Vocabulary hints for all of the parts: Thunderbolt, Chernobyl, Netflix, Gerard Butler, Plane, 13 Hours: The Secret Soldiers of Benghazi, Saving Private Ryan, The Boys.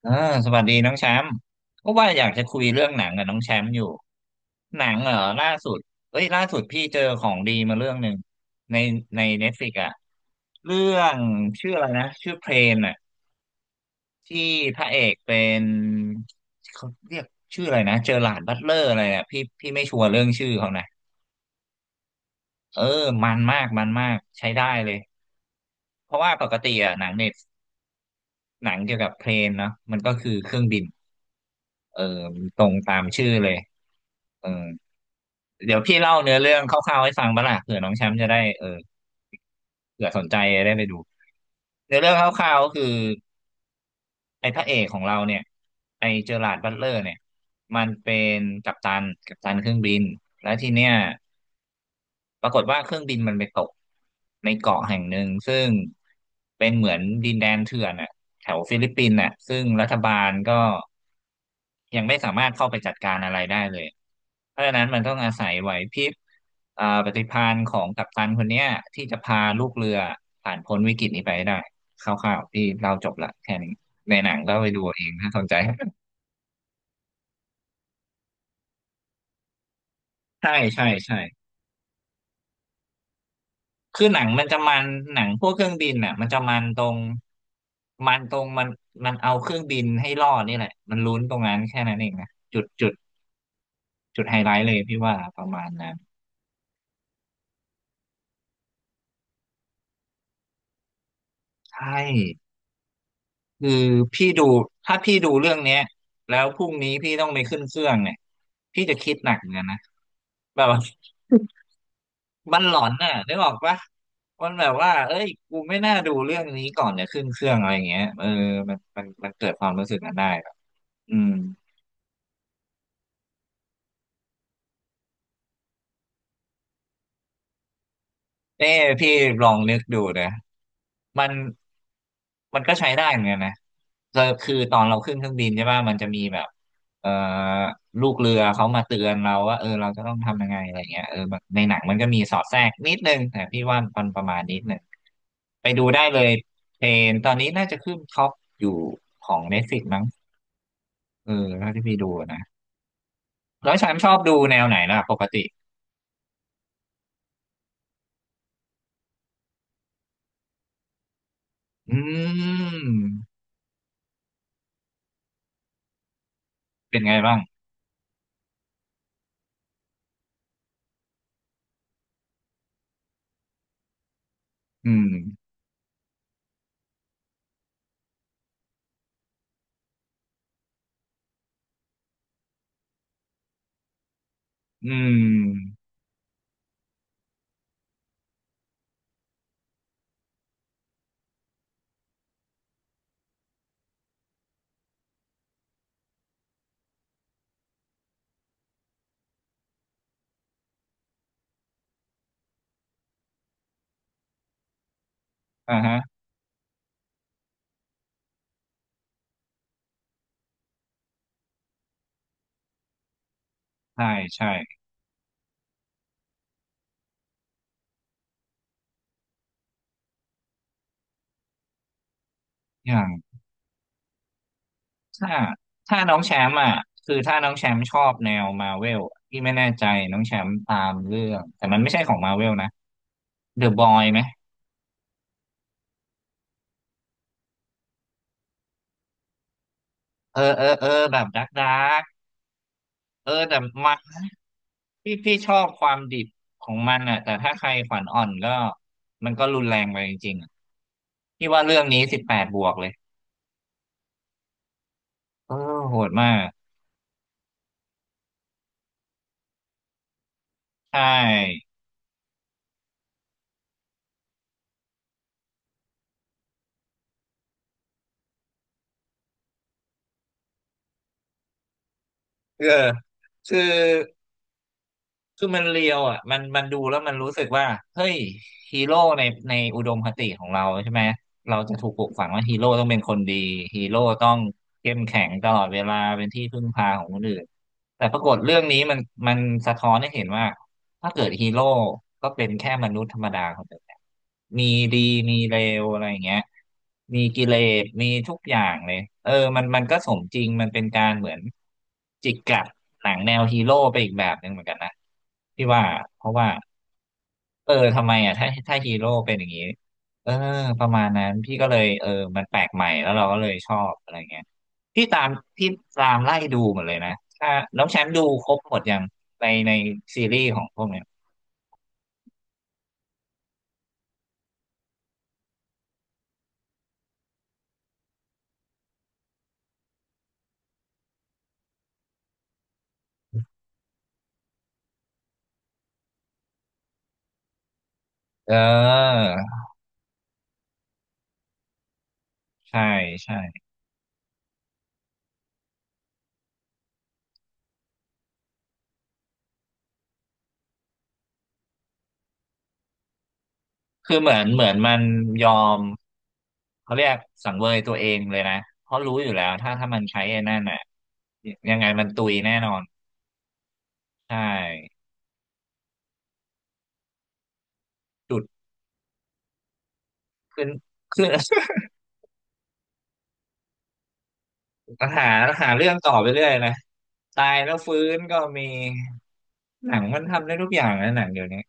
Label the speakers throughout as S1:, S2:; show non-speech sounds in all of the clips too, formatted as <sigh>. S1: เออสวัสดีน้องแชมป์ก็ว่าอยากจะคุยเรื่องหนังกับน้องแชมป์อยู่หนังเหรอล่าสุดเอ้ยล่าสุดพี่เจอของดีมาเรื่องหนึ่งในเน็ตฟลิกอะเรื่องชื่ออะไรนะชื่อเพลนอะที่พระเอกเป็นเขาเรียกชื่ออะไรนะเจอหลาร์ดบัตเลอร์อะไรอะพี่ไม่ชัวร์เรื่องชื่อเขานะเออมันมากใช้ได้เลยเพราะว่าปกติอะหนังเน็ตหนังเกี่ยวกับเพลนเนาะมันก็คือเครื่องบินเออตรงตามชื่อเลยเออ เดี๋ยวพี่เล่าเนื้อเรื่องคร่าวๆให้ฟังบ้างล่ะเผื่อน้องแชมป์จะได้เผื่อสนใจได้ไปดูเนื้อเรื่องคร่าวๆก็คือไอ้พระเอกของเราเนี่ยไอ้เจอราร์ดบัตเลอร์เนี่ยมันเป็นกัปตันเครื่องบินแล้วทีเนี้ย ปรากฏว่าเครื่องบินมันไปตกในเกาะแห่งหนึ่งซึ่งเป็นเหมือนดินแดนเถื่อนอ่ะแถวฟิลิปปินส์อ่ะซึ่งรัฐบาลก็ยังไม่สามารถเข้าไปจัดการอะไรได้เลยเพราะฉะนั้นมันต้องอาศัยไหวพริบปฏิภาณของกัปตันคนเนี้ยที่จะพาลูกเรือผ่านพ้นวิกฤตนี้ไปให้ได้คร่าวๆที่เราจบละแค่นี้ในหนังก็ไปดูเอาเองถ้าสนใจ <laughs> ใช่ใช่ใช่ คือหนังมันจะมันหนังพวกเครื่องบินน่ะมันจะมันตรงมันตรงมันมันเอาเครื่องบินให้รอดนี่แหละมันลุ้นตรงนั้นแค่นั้นเองนะจุดไฮไลท์เลยพี่ว่าประมาณนั้นใช่คือพี่ดูถ้าพี่ดูเรื่องเนี้ยแล้วพรุ่งนี้พี่ต้องไปขึ้นเครื่องเนี่ยพี่จะคิดหนักเหมือนกันนะแบบว่ามันหลอนน่ะนึกออกปะมันแบบว่าเอ้ยกูไม่น่าดูเรื่องนี้ก่อนเนี่ยขึ้นเครื่องอะไรอย่างเงี้ยเออมันเกิดความรู้สึกนั้นได้แบบอืม นี่พี่ลองนึกดูนะมันมันก็ใช้ได้เหมือนกันนะก็คือตอนเราขึ้นเครื่องบินใช่ป่ะมันจะมีแบบเอ่อลูกเรือเขามาเตือนเราว่าเออเราจะต้องทำยังไงอะไรเงี้ยเออแบบในหนังมันก็มีสอดแทรกนิดนึงแต่พี่ว่ามันประมาณนิดนึงไปดูได้เลยเพลนตอนนี้น่าจะขึ้นท็อปอยู่ของ Netflix มั้งเออเท่าที่พี่ดูนะแล้วฉันชอบดูแนวไหนล่ะปกติอืมเป็นไงบ้างอืมอืม อ่าฮะใช่ใช่อย่างถ้าถ้าน้องแชมป์อ่ะคือถ้าน้องแชมป์ชอบแนวมาเวลที่ไม่แน่ใจน้องแชมป์ตามเรื่องแต่มันไม่ใช่ของมาเวลนะเดอะบอยไหมเออเออเออแบบดาร์กเออแต่มาพี่ชอบความดิบของมันอ่ะแต่ถ้าใครขวัญอ่อนก็มันก็รุนแรงไปจริงๆอะพี่ว่าเรื่องนี้สิบแปดบวกเลยเออโหดมากใช่เออคือ คือมันเรียวอ่ะมันดูแล้วมันรู้สึกว่าเฮ้ยฮีโร่ในอุดมคติของเราใช่ไหมเราจะถูกปลูกฝังว่าฮีโร่ต้องเป็นคนดีฮีโร่ต้องเข้มแข็งตลอดเวลาเป็นที่พึ่งพาของคนอื่นแต่ปรากฏเรื่องนี้มันสะท้อนให้เห็นว่า ถ้าเกิดฮีโร่ก็เป็นแค่มนุษย์ธรรมดาคนหนึ่งนมีดีมีเลวอะไรอย่างเงี้ยมีกิเลสมีทุกอย่างเลยเออมันก็สมจริงมันเป็นการเหมือนจิกกัดหนังแนวฮีโร่ไปอีกแบบหนึ่งเหมือนกันนะพี่ว่าเพราะว่าเออทำไมอ่ะถ้าฮีโร่เป็นอย่างนี้เออประมาณนั้นพี่ก็เลยเออมันแปลกใหม่แล้วเราก็เลยชอบอะไรเงี้ยพี่ตามพี่ตามไล่ดูหมดเลยนะถ้าน้องแชมป์ดูครบหมดยัง ในซีรีส์ของพวกเนี้ยเออใช่ใช่คือเหมือนมันยอมเขาเรียกสังเวยตัวเองเลยนะเพราะรู้อยู่แล้วถ้ามันใช้ไอ้นั่นน่ะยังไงมันตุยแน่นอนใช่จุดขึ้นขึ้น <laughs> หาหาเรื่องต่อไปเรื่อยนะตายแล้วฟื้นก็มีหนังมันทำได้ทุกอย่างนะหนังเดี๋ยวนี้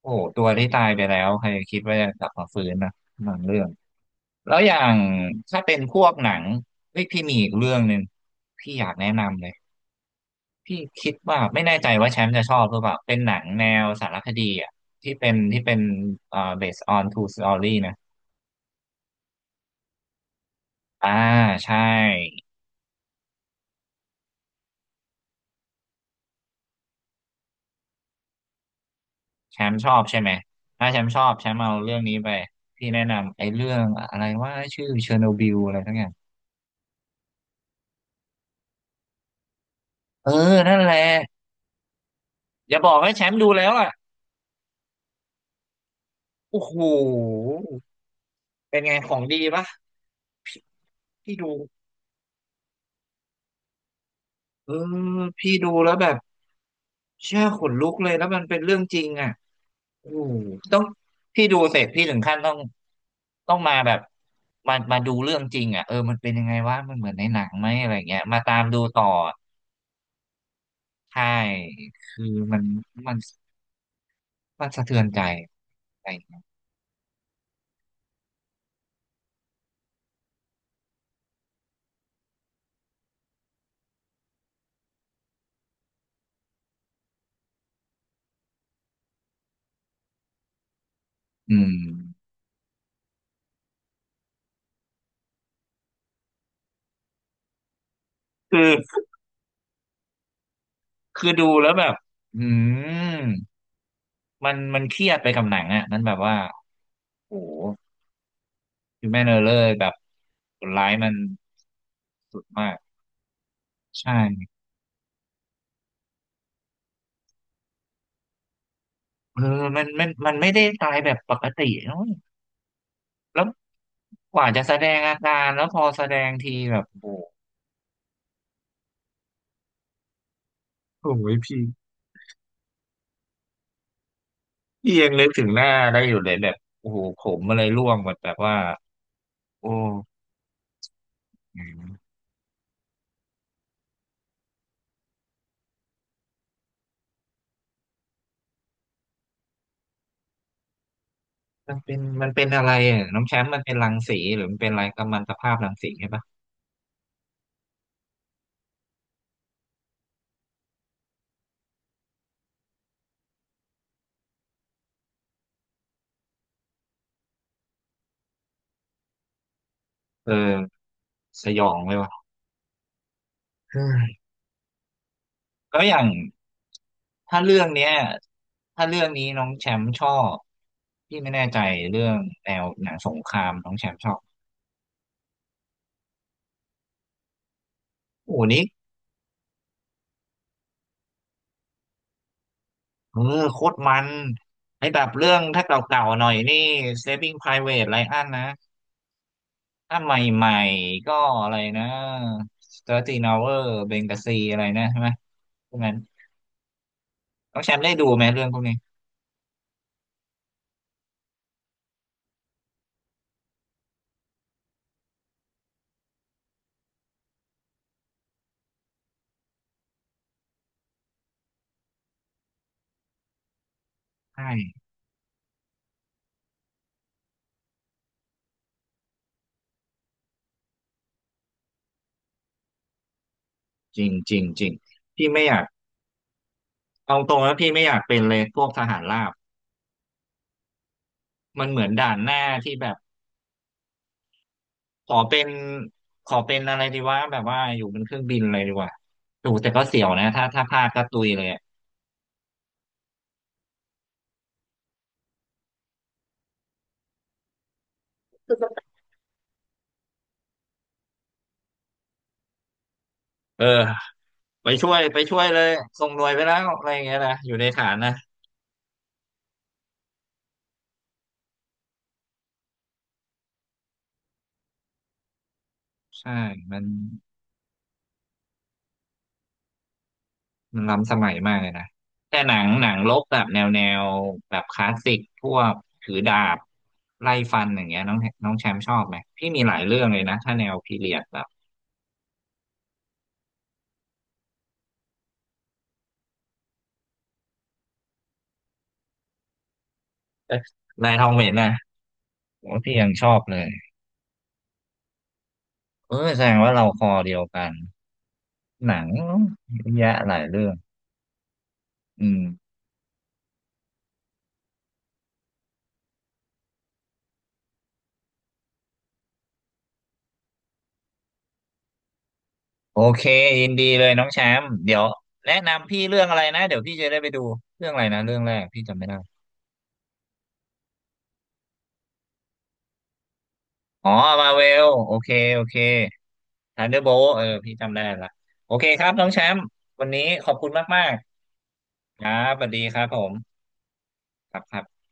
S1: โอ้โหตัวที่ตายไปแล้วใครจะคิดว่าจะกลับมาฟื้นนะหนังเรื่อง แล้วอย่างถ้าเป็นพวกหนังเฮ้ยพี่มีอีกเรื่องหนึ่งพี่อยากแนะนำเลยพี่คิดว่าไม่แน่ใจว่าแชมป์จะชอบหรือเปล่าเป็นหนังแนวสารคดีอ่ะที่เป็นbased on true story นะอ่าใช่แชมป์ชอบใช่ไหมถ้าแชมป์ชอบแชมป์เอาเรื่องนี้ไปพี่แนะนำไอ้เรื่องอะไรว่าชื่อเชอร์โนบิลอะไรทั้งอย่างเออนั่นแหละอย่าบอกให้แชมป์ดูแล้วอ่ะโอ้โหเป็นไงของดีปะพี่ดู เออพี่ดูแล้วแบบเชื่อขนลุกเลยแล้วมันเป็นเรื่องจริงอ่ะโอ้โหต้องพี่ดูเสร็จพี่ถึงขั้นต้องต้องมาแบบมามาดูเรื่องจริงอ่ะเออมันเป็นยังไงวะมันเหมือนในหนังไหมอะไรเงี้ยมาตามดูต่อใช่คือมันมันมันสะเทือนใจอะไรเงี้ยอืมคือคือดูแล้วแบบอืมมันมันเครียดไปกับหนังอ่ะมันแบบว่าโอ้โหคือแม่เนอร์เลอร์แบบคนร้ายมันสุดมาก ใช่เออมันมันมันไม่ได้ตายแบบปกติเนอะแล้วกว่าจะแสดงอาการแล้วพอแสดงทีแบบโอ้โหโอ้ยพี่พี่ยังนึกถึงหน้าได้อยู่เลยแบบโอ้โหผมอะไรร่วงหมดแบบว่าโอ้อืมมันเป็นมันเป็นอะไรอ่ะน้องแชมป์มันเป็นรังสีหรือมันเป็นอะไรกัมมันตภาพรังสีใช่ปะเออสยองเลยว่ะเฮ้ยแล้วอย่างถ้าเรื่องเนี้ยถ้าเรื่องนี้น้องแชมป์ชอบพี่ไม่แน่ใจเรื่องแนวหนังสงครามน้องแชมป์ชอบ โอ้โหนี่เออโคตรมันไอ้แบบเรื่องถ้าเก่าๆหน่อยนี่ Saving Private Ryan นะถ้าใหม่ๆก็อะไรนะ13 Hour Benghazi อะไรนะใช่ไหมพวกนั้นน้องแชมป์ได้ดูไหมเรื่องพวกนี้ใช่จริงจริงจริงพี่ไม่อยากเอาตรงแล้วพี่ไม่อยากเป็นเลยพวกทหารราบมันเหมือนด่านหน้าที่แบบขอเป็นขอเป็นอะไรดีวะแบบว่าอยู่บนเครื่องบินอะไรดีกว่าดูแต่ก็เสี่ยวนะถ้าถ้าพลาดก็ตุยเลยอะเออ ไปช่วยไปช่วยเลยส่งหน่วยไปแล้วอะไรอย่างเงี้ยนะอยู่ในฐานนะใช่มันมันล้ำสมัยมากเลยนะแต่หนังหนังรบแบบแนวแนวแบบคลาสสิกพวกถือดาบไล่ฟันอย่างเงี้ยน้องน้องแชมป์ชอบไหมพี่มีหลายเรื่องเลยนะถ้าแนวพีเรียดแบบเอ๊ะนายทองเหม็นนะโอ้พี่ยังชอบเลยเออแสดงว่าเราคอเดียวกันหนังเยอะแยะหลายเรื่องอืม โอเคยินดีเลยน้องแชมป์เดี๋ยวแนะนำพี่เรื่องอะไรนะเดี๋ยวพี่จะได้ไปดูเรื่องอะไรนะเรื่องแรกพี่จำไม่ได้อ๋อมาเวลโอเคโอเคทันเดอร์โบเออพี่จำได้ละโอเคครับน้องแชมป์วันนี้ขอบคุณมากๆครับสวัสดีครับผมครับครับ